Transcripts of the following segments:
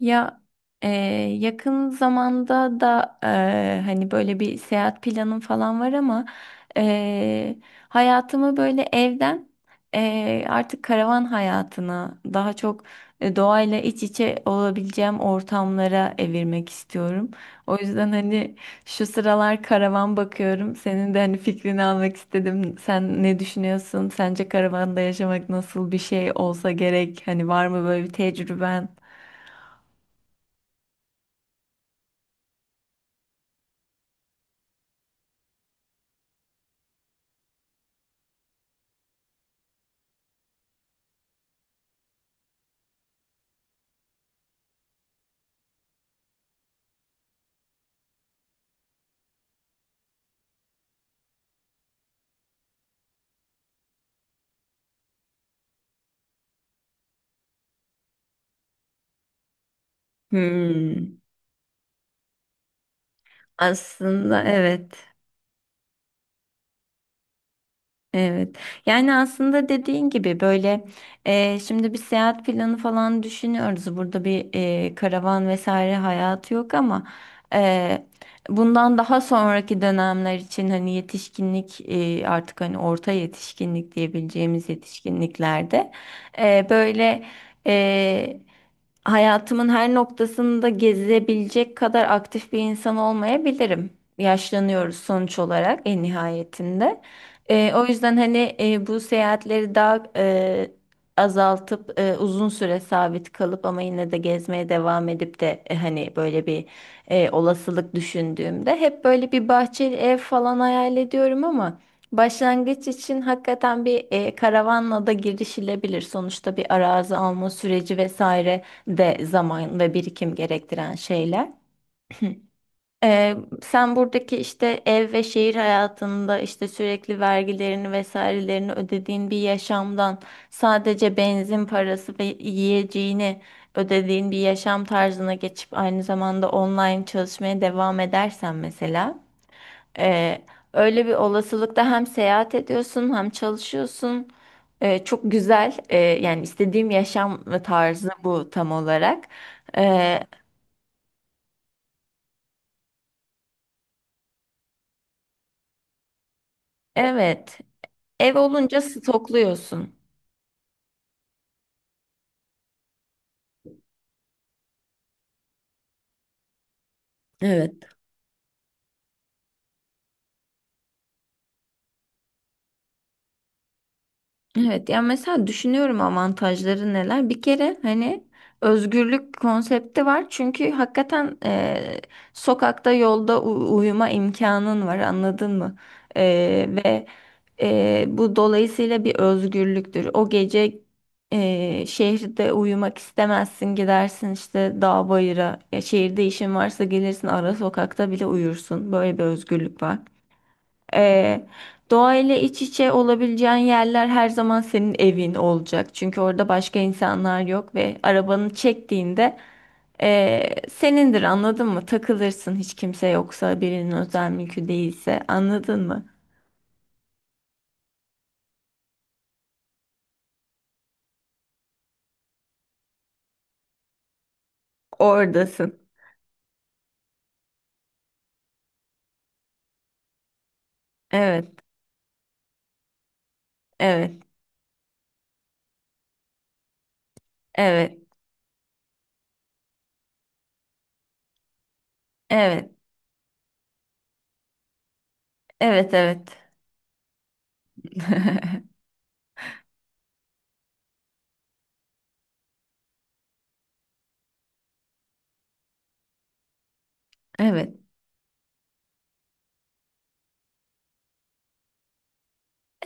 Ya e, yakın zamanda da hani böyle bir seyahat planım falan var ama e, hayatımı böyle evden artık karavan hayatına daha çok doğayla iç içe olabileceğim ortamlara evirmek istiyorum. O yüzden hani şu sıralar karavan bakıyorum. Senin de hani fikrini almak istedim. Sen ne düşünüyorsun? Sence karavanda yaşamak nasıl bir şey olsa gerek? Hani var mı böyle bir tecrüben? Hmm, aslında evet. Evet. Yani aslında dediğin gibi böyle şimdi bir seyahat planı falan düşünüyoruz. Burada bir karavan vesaire hayatı yok ama e, bundan daha sonraki dönemler için hani yetişkinlik artık hani orta yetişkinlik diyebileceğimiz yetişkinliklerde böyle e, hayatımın her noktasında gezebilecek kadar aktif bir insan olmayabilirim. Yaşlanıyoruz sonuç olarak en nihayetinde. O yüzden hani bu seyahatleri daha azaltıp uzun süre sabit kalıp ama yine de gezmeye devam edip de hani böyle bir olasılık düşündüğümde hep böyle bir bahçeli ev falan hayal ediyorum ama başlangıç için hakikaten bir karavanla da girişilebilir. Sonuçta bir arazi alma süreci vesaire de zaman ve birikim gerektiren şeyler. Ee, sen buradaki işte ev ve şehir hayatında işte sürekli vergilerini vesairelerini ödediğin bir yaşamdan sadece benzin parası ve yiyeceğini ödediğin bir yaşam tarzına geçip aynı zamanda online çalışmaya devam edersen mesela e, öyle bir olasılıkta hem seyahat ediyorsun hem çalışıyorsun. Çok güzel yani istediğim yaşam tarzı bu tam olarak. E, evet, ev olunca stokluyorsun. Evet. Evet, ya mesela düşünüyorum avantajları neler. Bir kere hani özgürlük konsepti var. Çünkü hakikaten sokakta yolda uyuma imkanın var, anladın mı? Ve bu dolayısıyla bir özgürlüktür. O gece şehirde uyumak istemezsin, gidersin işte dağ bayıra. Ya şehirde işin varsa gelirsin ara sokakta bile uyursun. Böyle bir özgürlük var. Ee, doğayla iç içe olabileceğin yerler her zaman senin evin olacak. Çünkü orada başka insanlar yok ve arabanı çektiğinde senindir, anladın mı? Takılırsın hiç kimse yoksa, birinin özel mülkü değilse, anladın mı? Oradasın. Evet, evet, evet, evet, evet, evet. Evet.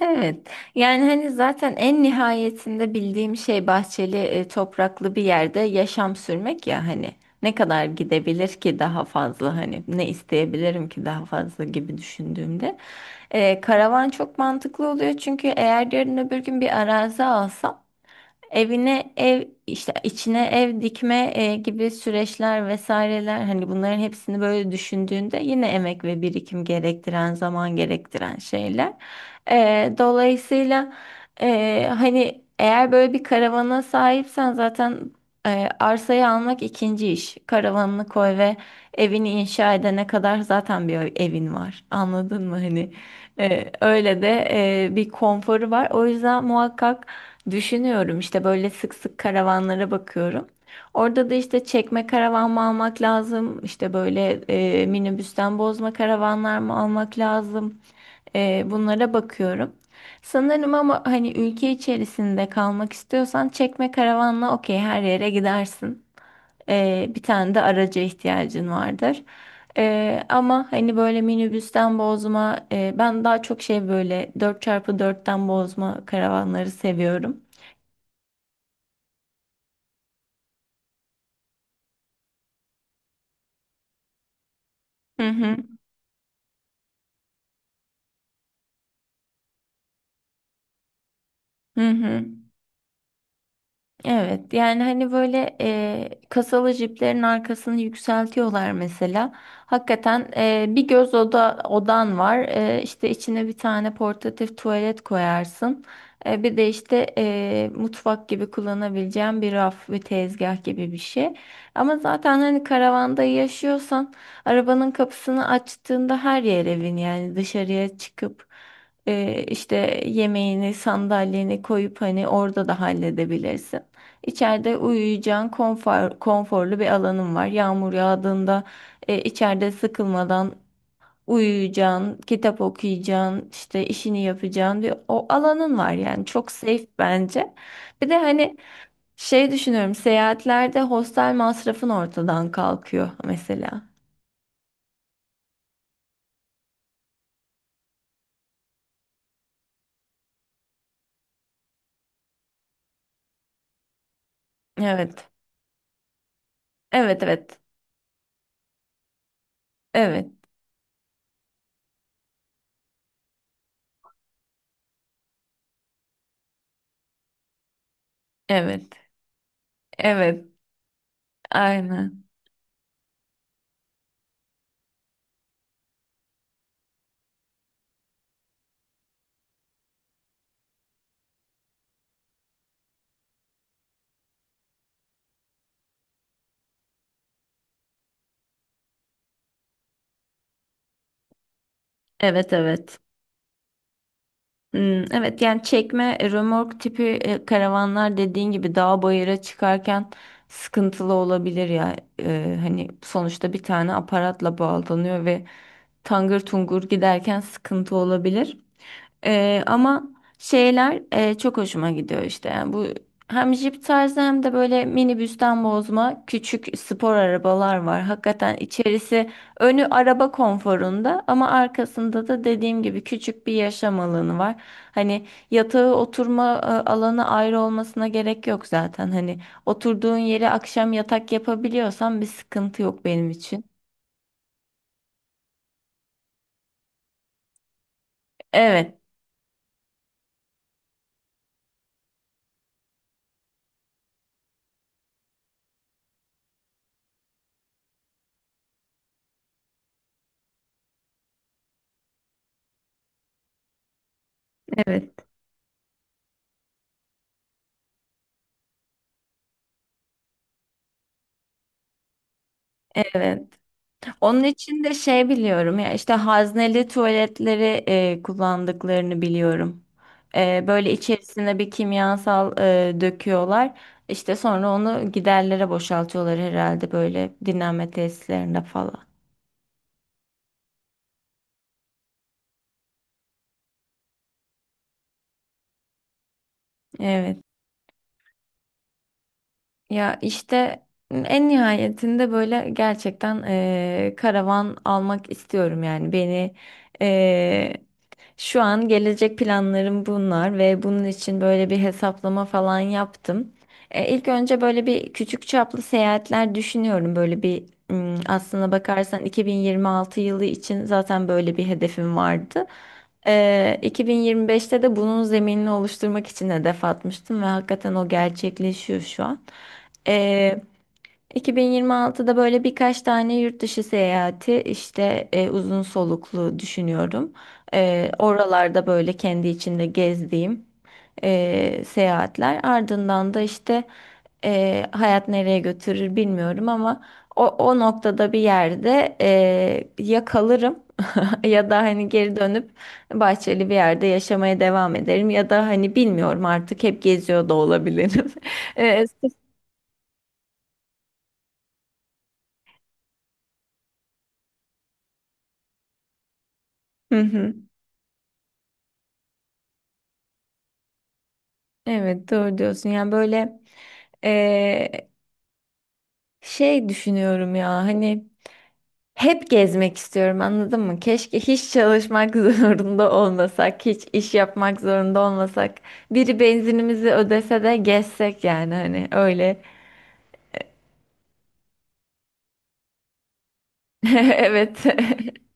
Evet. Yani hani zaten en nihayetinde bildiğim şey bahçeli, e, topraklı bir yerde yaşam sürmek ya hani ne kadar gidebilir ki daha fazla, hani ne isteyebilirim ki daha fazla gibi düşündüğümde. Karavan çok mantıklı oluyor çünkü eğer yarın öbür gün bir arazi alsam, evine ev işte içine ev dikme gibi süreçler vesaireler, hani bunların hepsini böyle düşündüğünde yine emek ve birikim gerektiren, zaman gerektiren şeyler. Dolayısıyla hani eğer böyle bir karavana sahipsen zaten arsayı almak ikinci iş. Karavanını koy ve evini inşa edene kadar zaten bir evin var. Anladın mı hani? Öyle de bir konforu var. O yüzden muhakkak düşünüyorum işte, böyle sık sık karavanlara bakıyorum. Orada da işte çekme karavan mı almak lazım? İşte böyle minibüsten bozma karavanlar mı almak lazım? Bunlara bakıyorum. Sanırım ama hani ülke içerisinde kalmak istiyorsan çekme karavanla okey, her yere gidersin. Bir tane de araca ihtiyacın vardır. Ama hani böyle minibüsten bozma, ben daha çok şey, böyle dört çarpı dörtten bozma karavanları seviyorum. Hı hı. Hı hı. Evet, yani hani böyle kasalı jiplerin arkasını yükseltiyorlar mesela. Hakikaten bir göz oda odan var. E, işte içine bir tane portatif tuvalet koyarsın. Bir de işte mutfak gibi kullanabileceğin bir raf ve tezgah gibi bir şey. Ama zaten hani karavanda yaşıyorsan arabanın kapısını açtığında her yer evin, yani dışarıya çıkıp işte yemeğini, sandalyeni koyup hani orada da halledebilirsin. İçeride uyuyacağın konfor, konforlu bir alanın var. Yağmur yağdığında içeride sıkılmadan uyuyacağın, kitap okuyacağın, işte işini yapacağın bir o alanın var, yani çok safe bence. Bir de hani şey düşünüyorum, seyahatlerde hostel masrafın ortadan kalkıyor mesela. Evet. Evet, evet. Evet. Evet. Evet. Aynen. Evet, evet. Hmm, evet, yani çekme römork tipi karavanlar dediğin gibi dağ bayıra çıkarken sıkıntılı olabilir ya. Hani sonuçta bir tane aparatla bağlanıyor ve tangır tungur giderken sıkıntı olabilir. Ama şeyler çok hoşuma gidiyor işte. Yani bu hem jip tarzı hem de böyle minibüsten bozma küçük spor arabalar var. Hakikaten içerisi, önü araba konforunda ama arkasında da dediğim gibi küçük bir yaşam alanı var. Hani yatağı, oturma alanı ayrı olmasına gerek yok zaten. Hani oturduğun yere akşam yatak yapabiliyorsan bir sıkıntı yok benim için. Evet, evet, evet. Onun için de şey, biliyorum ya, işte hazneli tuvaletleri kullandıklarını biliyorum. Böyle içerisine bir kimyasal döküyorlar. İşte sonra onu giderlere boşaltıyorlar herhalde, böyle dinlenme tesislerinde falan. Evet. Ya işte en nihayetinde böyle gerçekten karavan almak istiyorum, yani beni şu an gelecek planlarım bunlar ve bunun için böyle bir hesaplama falan yaptım. İlk önce böyle bir küçük çaplı seyahatler düşünüyorum. Böyle bir aslına bakarsan 2026 yılı için zaten böyle bir hedefim vardı. E, 2025'te de bunun zeminini oluşturmak için hedef atmıştım ve hakikaten o gerçekleşiyor şu an. E, 2026'da böyle birkaç tane yurt dışı seyahati, işte uzun soluklu düşünüyorum. Oralarda böyle kendi içinde gezdiğim seyahatler. Ardından da işte hayat nereye götürür bilmiyorum ama o noktada bir yerde ya kalırım ya da hani geri dönüp bahçeli bir yerde yaşamaya devam ederim ya da hani bilmiyorum, artık hep geziyor da olabilirim. E, hı hı. Evet, doğru diyorsun. Yani böyle eee, şey düşünüyorum ya hani hep gezmek istiyorum, anladın mı? Keşke hiç çalışmak zorunda olmasak, hiç iş yapmak zorunda olmasak. Biri benzinimizi ödese de gezsek, yani hani öyle. Evet.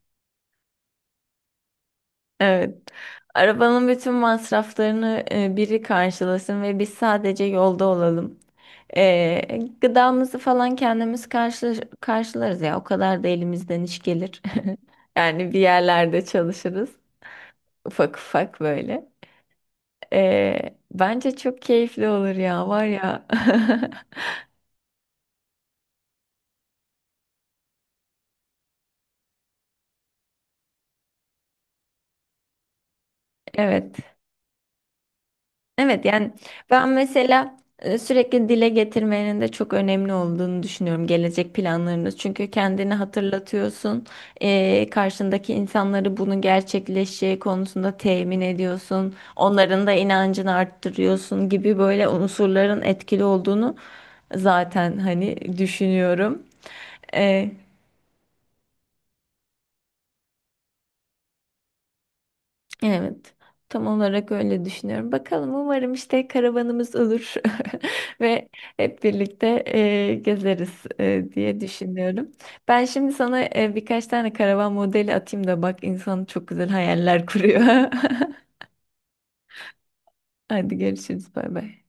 Evet. Arabanın bütün masraflarını biri karşılasın ve biz sadece yolda olalım. Gıdamızı falan kendimiz karşılarız ya. O kadar da elimizden iş gelir. Yani bir yerlerde çalışırız. Ufak ufak böyle. Bence çok keyifli olur ya, var ya. Evet. Evet, yani ben mesela sürekli dile getirmenin de çok önemli olduğunu düşünüyorum gelecek planlarında. Çünkü kendini hatırlatıyorsun, karşındaki insanları bunun gerçekleşeceği konusunda temin ediyorsun, onların da inancını arttırıyorsun gibi, böyle unsurların etkili olduğunu zaten hani düşünüyorum. E, Evet, tam olarak öyle düşünüyorum. Bakalım, umarım işte karavanımız olur ve hep birlikte gezeriz diye düşünüyorum. Ben şimdi sana birkaç tane karavan modeli atayım da bak, insan çok güzel hayaller kuruyor. Hadi görüşürüz, bay bay.